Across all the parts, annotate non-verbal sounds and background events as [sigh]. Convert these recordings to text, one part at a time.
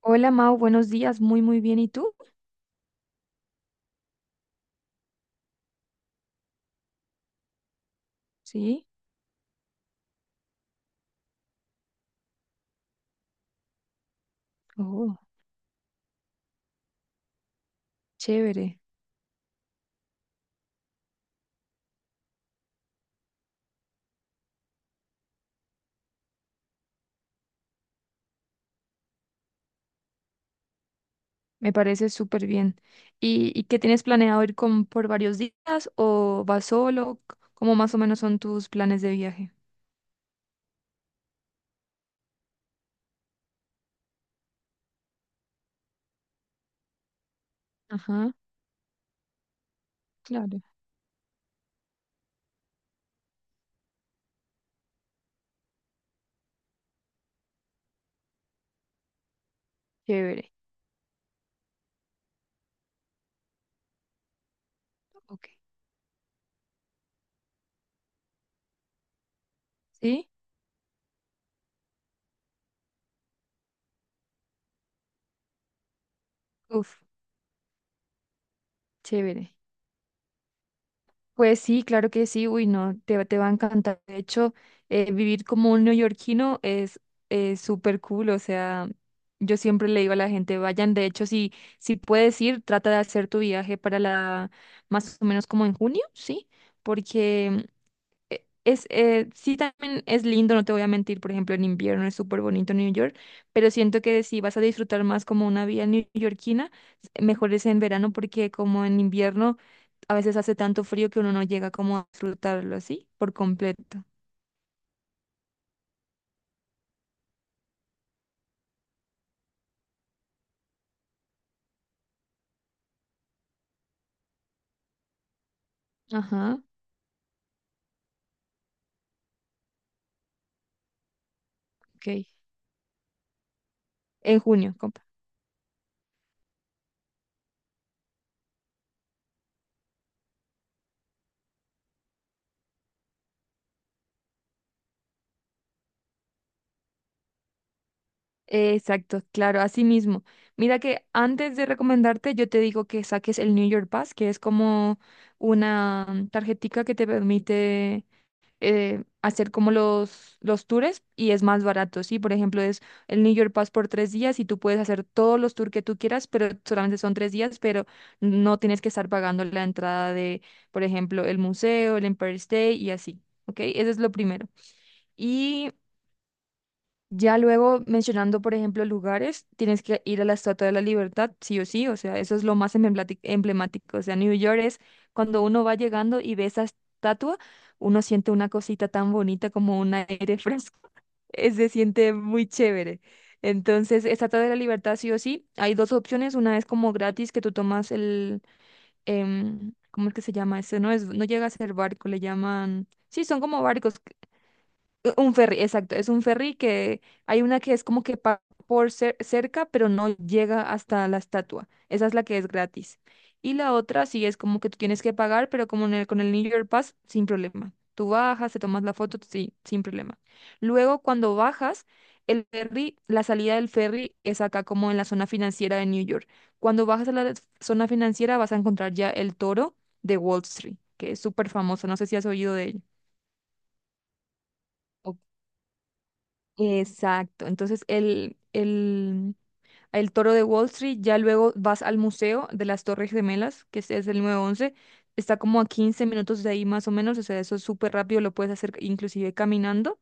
Hola Mau, buenos días, muy muy bien. ¿Y tú? Sí, oh, chévere, me parece súper bien. ¿Y qué tienes planeado ir con, por varios días o vas solo? ¿Cómo más o menos son tus planes de viaje? Ajá, claro, chévere. Ok. ¿Sí? Uf, chévere. Pues sí, claro que sí, uy, no, te, te va a encantar. De hecho, vivir como un neoyorquino es súper cool, o sea, yo siempre le digo a la gente, vayan, de hecho, si puedes ir, trata de hacer tu viaje para más o menos como en junio, ¿sí? Porque sí también es lindo, no te voy a mentir, por ejemplo, en invierno es súper bonito New York, pero siento que si vas a disfrutar más como una vida neoyorquina, mejor es en verano porque como en invierno a veces hace tanto frío que uno no llega como a disfrutarlo así por completo. Ajá, ok. En junio, compa. Exacto, claro, así mismo. Mira que antes de recomendarte, yo te digo que saques el New York Pass, que es como una tarjetica que te permite hacer como los tours y es más barato, ¿sí? Por ejemplo, es el New York Pass por 3 días y tú puedes hacer todos los tours que tú quieras, pero solamente son 3 días, pero no tienes que estar pagando la entrada de, por ejemplo, el museo, el Empire State y así, ¿ok? Eso es lo primero. Y ya luego mencionando, por ejemplo, lugares, tienes que ir a la Estatua de la Libertad, sí o sí, o sea, eso es lo más emblemático. O sea, New York es cuando uno va llegando y ve esa estatua, uno siente una cosita tan bonita como un aire fresco, [laughs] se siente muy chévere. Entonces, Estatua de la Libertad, sí o sí, hay dos opciones, una es como gratis que tú tomas. ¿Cómo es que se llama eso? No llega a ser barco, le llaman, sí, son como barcos. Un ferry, exacto, es un ferry que hay una que es como que pasa por cerca, pero no llega hasta la estatua. Esa es la que es gratis. Y la otra sí es como que tú tienes que pagar, pero como con el New York Pass, sin problema. Tú bajas, te tomas la foto, sí, sin problema. Luego, cuando bajas, el ferry, la salida del ferry es acá como en la zona financiera de New York. Cuando bajas a la zona financiera vas a encontrar ya el toro de Wall Street, que es súper famoso. No sé si has oído de ello. Exacto. Entonces, el toro de Wall Street, ya luego vas al Museo de las Torres Gemelas, que este es el 9/11. Está como a 15 minutos de ahí más o menos, o sea, eso es súper rápido, lo puedes hacer inclusive caminando.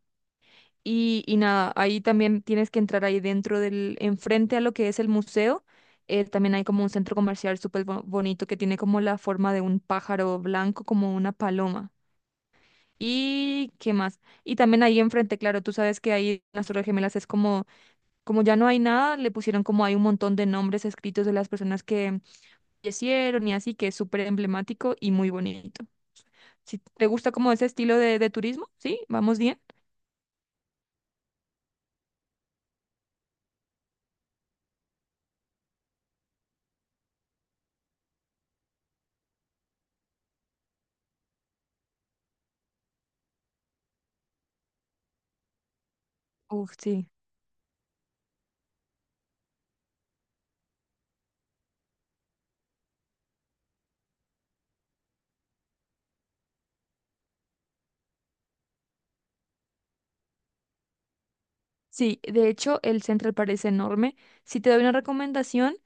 Y nada, ahí también tienes que entrar ahí dentro enfrente a lo que es el museo. También hay como un centro comercial súper bonito que tiene como la forma de un pájaro blanco, como una paloma. ¿Y qué más? Y también ahí enfrente, claro, tú sabes que ahí en las Torres Gemelas es como ya no hay nada, le pusieron como hay un montón de nombres escritos de las personas que fallecieron y así, que es súper emblemático y muy bonito. Si te gusta como ese estilo de turismo, ¿sí? ¿Vamos bien? Uf, sí. Sí, de hecho el Central parece enorme. Si te doy una recomendación,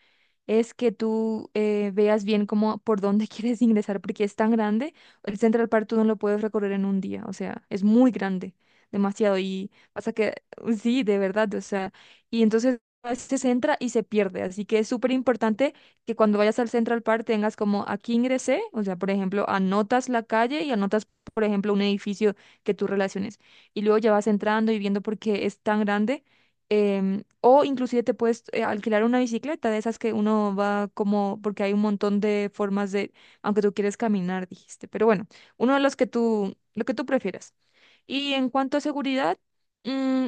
es que tú veas bien cómo, por dónde [laughs] quieres ingresar, porque es tan grande. El Central Park tú no lo puedes recorrer en un día, o sea, es muy grande, demasiado. Y pasa que, sí, de verdad, o sea, y entonces a veces se entra y se pierde. Así que es súper importante que cuando vayas al Central Park tengas como aquí ingresé, o sea, por ejemplo, anotas la calle y anotas, por ejemplo, un edificio que tú relaciones. Y luego ya vas entrando y viendo porque es tan grande o inclusive te puedes alquilar una bicicleta de esas que uno va como, porque hay un montón de formas de, aunque tú quieres caminar, dijiste, pero bueno, uno de los que tú, lo que tú prefieras. Y en cuanto a seguridad, mm,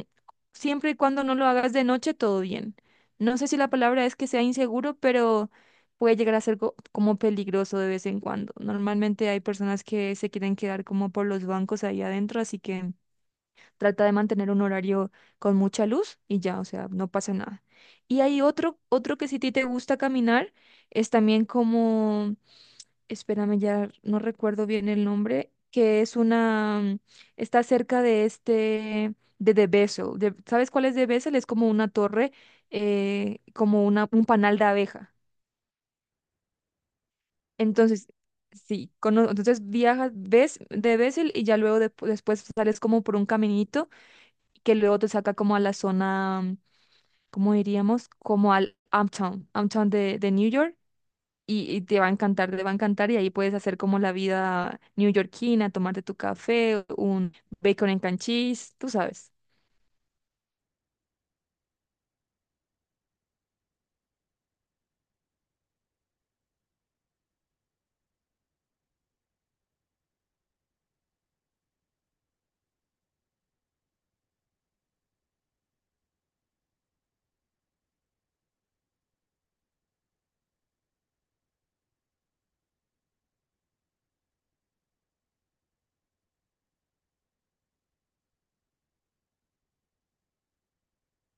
siempre y cuando no lo hagas de noche, todo bien. No sé si la palabra es que sea inseguro, pero puede llegar a ser como peligroso de vez en cuando. Normalmente hay personas que se quieren quedar como por los bancos ahí adentro, así que trata de mantener un horario con mucha luz y ya, o sea, no pasa nada. Y hay otro que si a ti te gusta caminar, es también como, espérame, ya no recuerdo bien el nombre, que es una, está cerca de este, de The Bessel. ¿Sabes cuál es The Bessel? Es como una torre, como un panal de abeja. Entonces, sí, entonces viajas, ves de Bessel y ya luego después sales como por un caminito que luego te saca como a la zona como diríamos, como al Uptown de New York, y te va a encantar, te va a encantar, y ahí puedes hacer como la vida neoyorquina, tomarte tu café, un bacon en and cream cheese, tú sabes.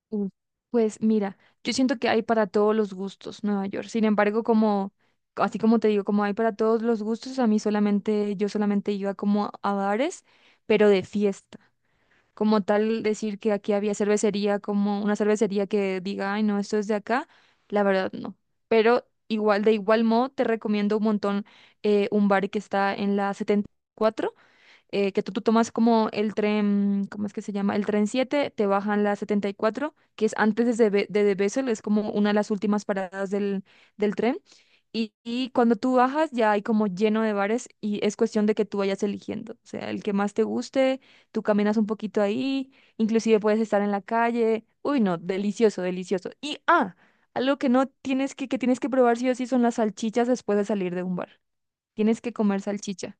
Mm. Pues mira, yo siento que hay para todos los gustos Nueva York. Sin embargo, como, así como te digo, como hay para todos los gustos, yo solamente iba como a bares, pero de fiesta. Como tal decir que aquí había cervecería, como una cervecería que diga, ay, no, esto es de acá, la verdad no. Pero igual, de igual modo, te recomiendo un montón un bar que está en la 74 que tú tomas como el tren, ¿cómo es que se llama? El tren 7 te bajan la 74, que es antes de Bessel, es como una de las últimas paradas del tren. Y cuando tú bajas ya hay como lleno de bares y es cuestión de que tú vayas eligiendo, o sea, el que más te guste, tú caminas un poquito ahí, inclusive puedes estar en la calle. Uy, no, delicioso, delicioso. Y algo que no tienes que tienes que probar sí o sí son las salchichas después de salir de un bar. Tienes que comer salchicha.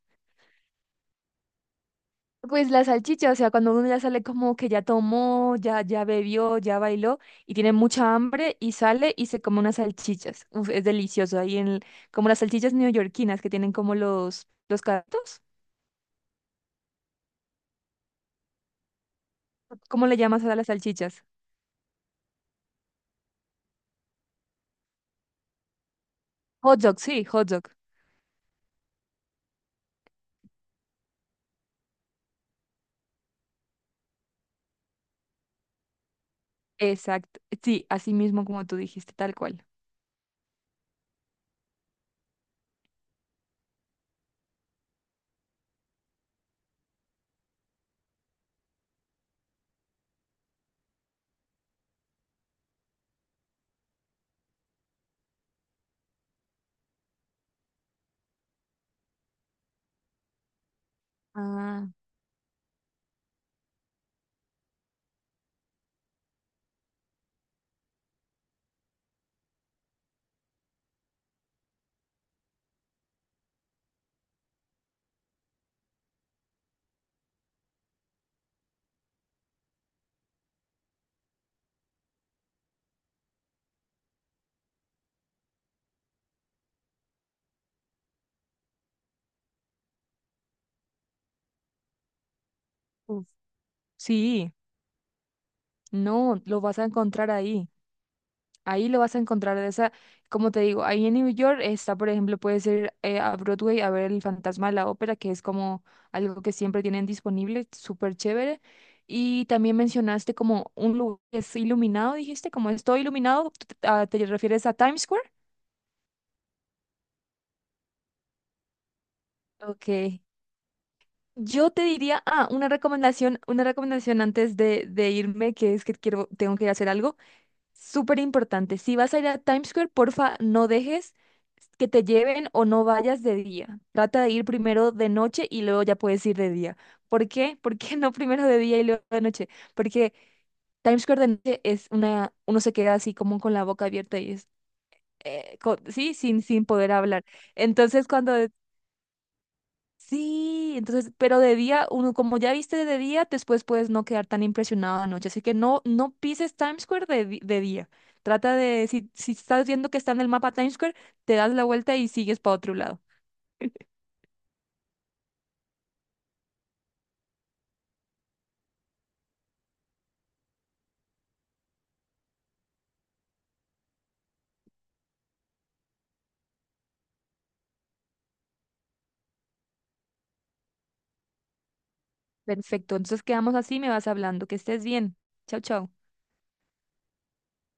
Pues la salchicha, o sea, cuando uno ya sale como que ya tomó, ya bebió, ya bailó y tiene mucha hambre y sale y se come unas salchichas. Uf, es delicioso. Ahí como las salchichas neoyorquinas que tienen como los carritos. ¿Cómo le llamas a las salchichas? Hot dog, sí, hot dog. Exacto. Sí, así mismo como tú dijiste, tal cual. Ah, uf. Sí, no, lo vas a encontrar ahí. Ahí lo vas a encontrar de esa, como te digo, ahí en New York está, por ejemplo, puedes ir a Broadway a ver El Fantasma de la Ópera, que es como algo que siempre tienen disponible, súper chévere. Y también mencionaste como un lugar que es iluminado, dijiste, como es todo iluminado, ¿te refieres a Times Square? Ok. Yo te diría, una recomendación antes de irme, que es que tengo que ir a hacer algo. Súper importante. Si vas a ir a Times Square, porfa, no dejes que te lleven o no vayas de día. Trata de ir primero de noche y luego ya puedes ir de día. ¿Por qué? ¿Por qué [laughs] no primero de día y luego de noche? Porque Times Square de noche es uno se queda así como con la boca abierta y sí, sin poder hablar. Entonces, cuando Sí, entonces, pero de día, uno, como ya viste de día, después puedes no quedar tan impresionado de noche. Así que no, no pises Times Square de día. Trata de, si, si estás viendo que está en el mapa Times Square, te das la vuelta y sigues para otro lado. [laughs] Perfecto, entonces quedamos así, me vas hablando. Que estés bien. Chao, chao.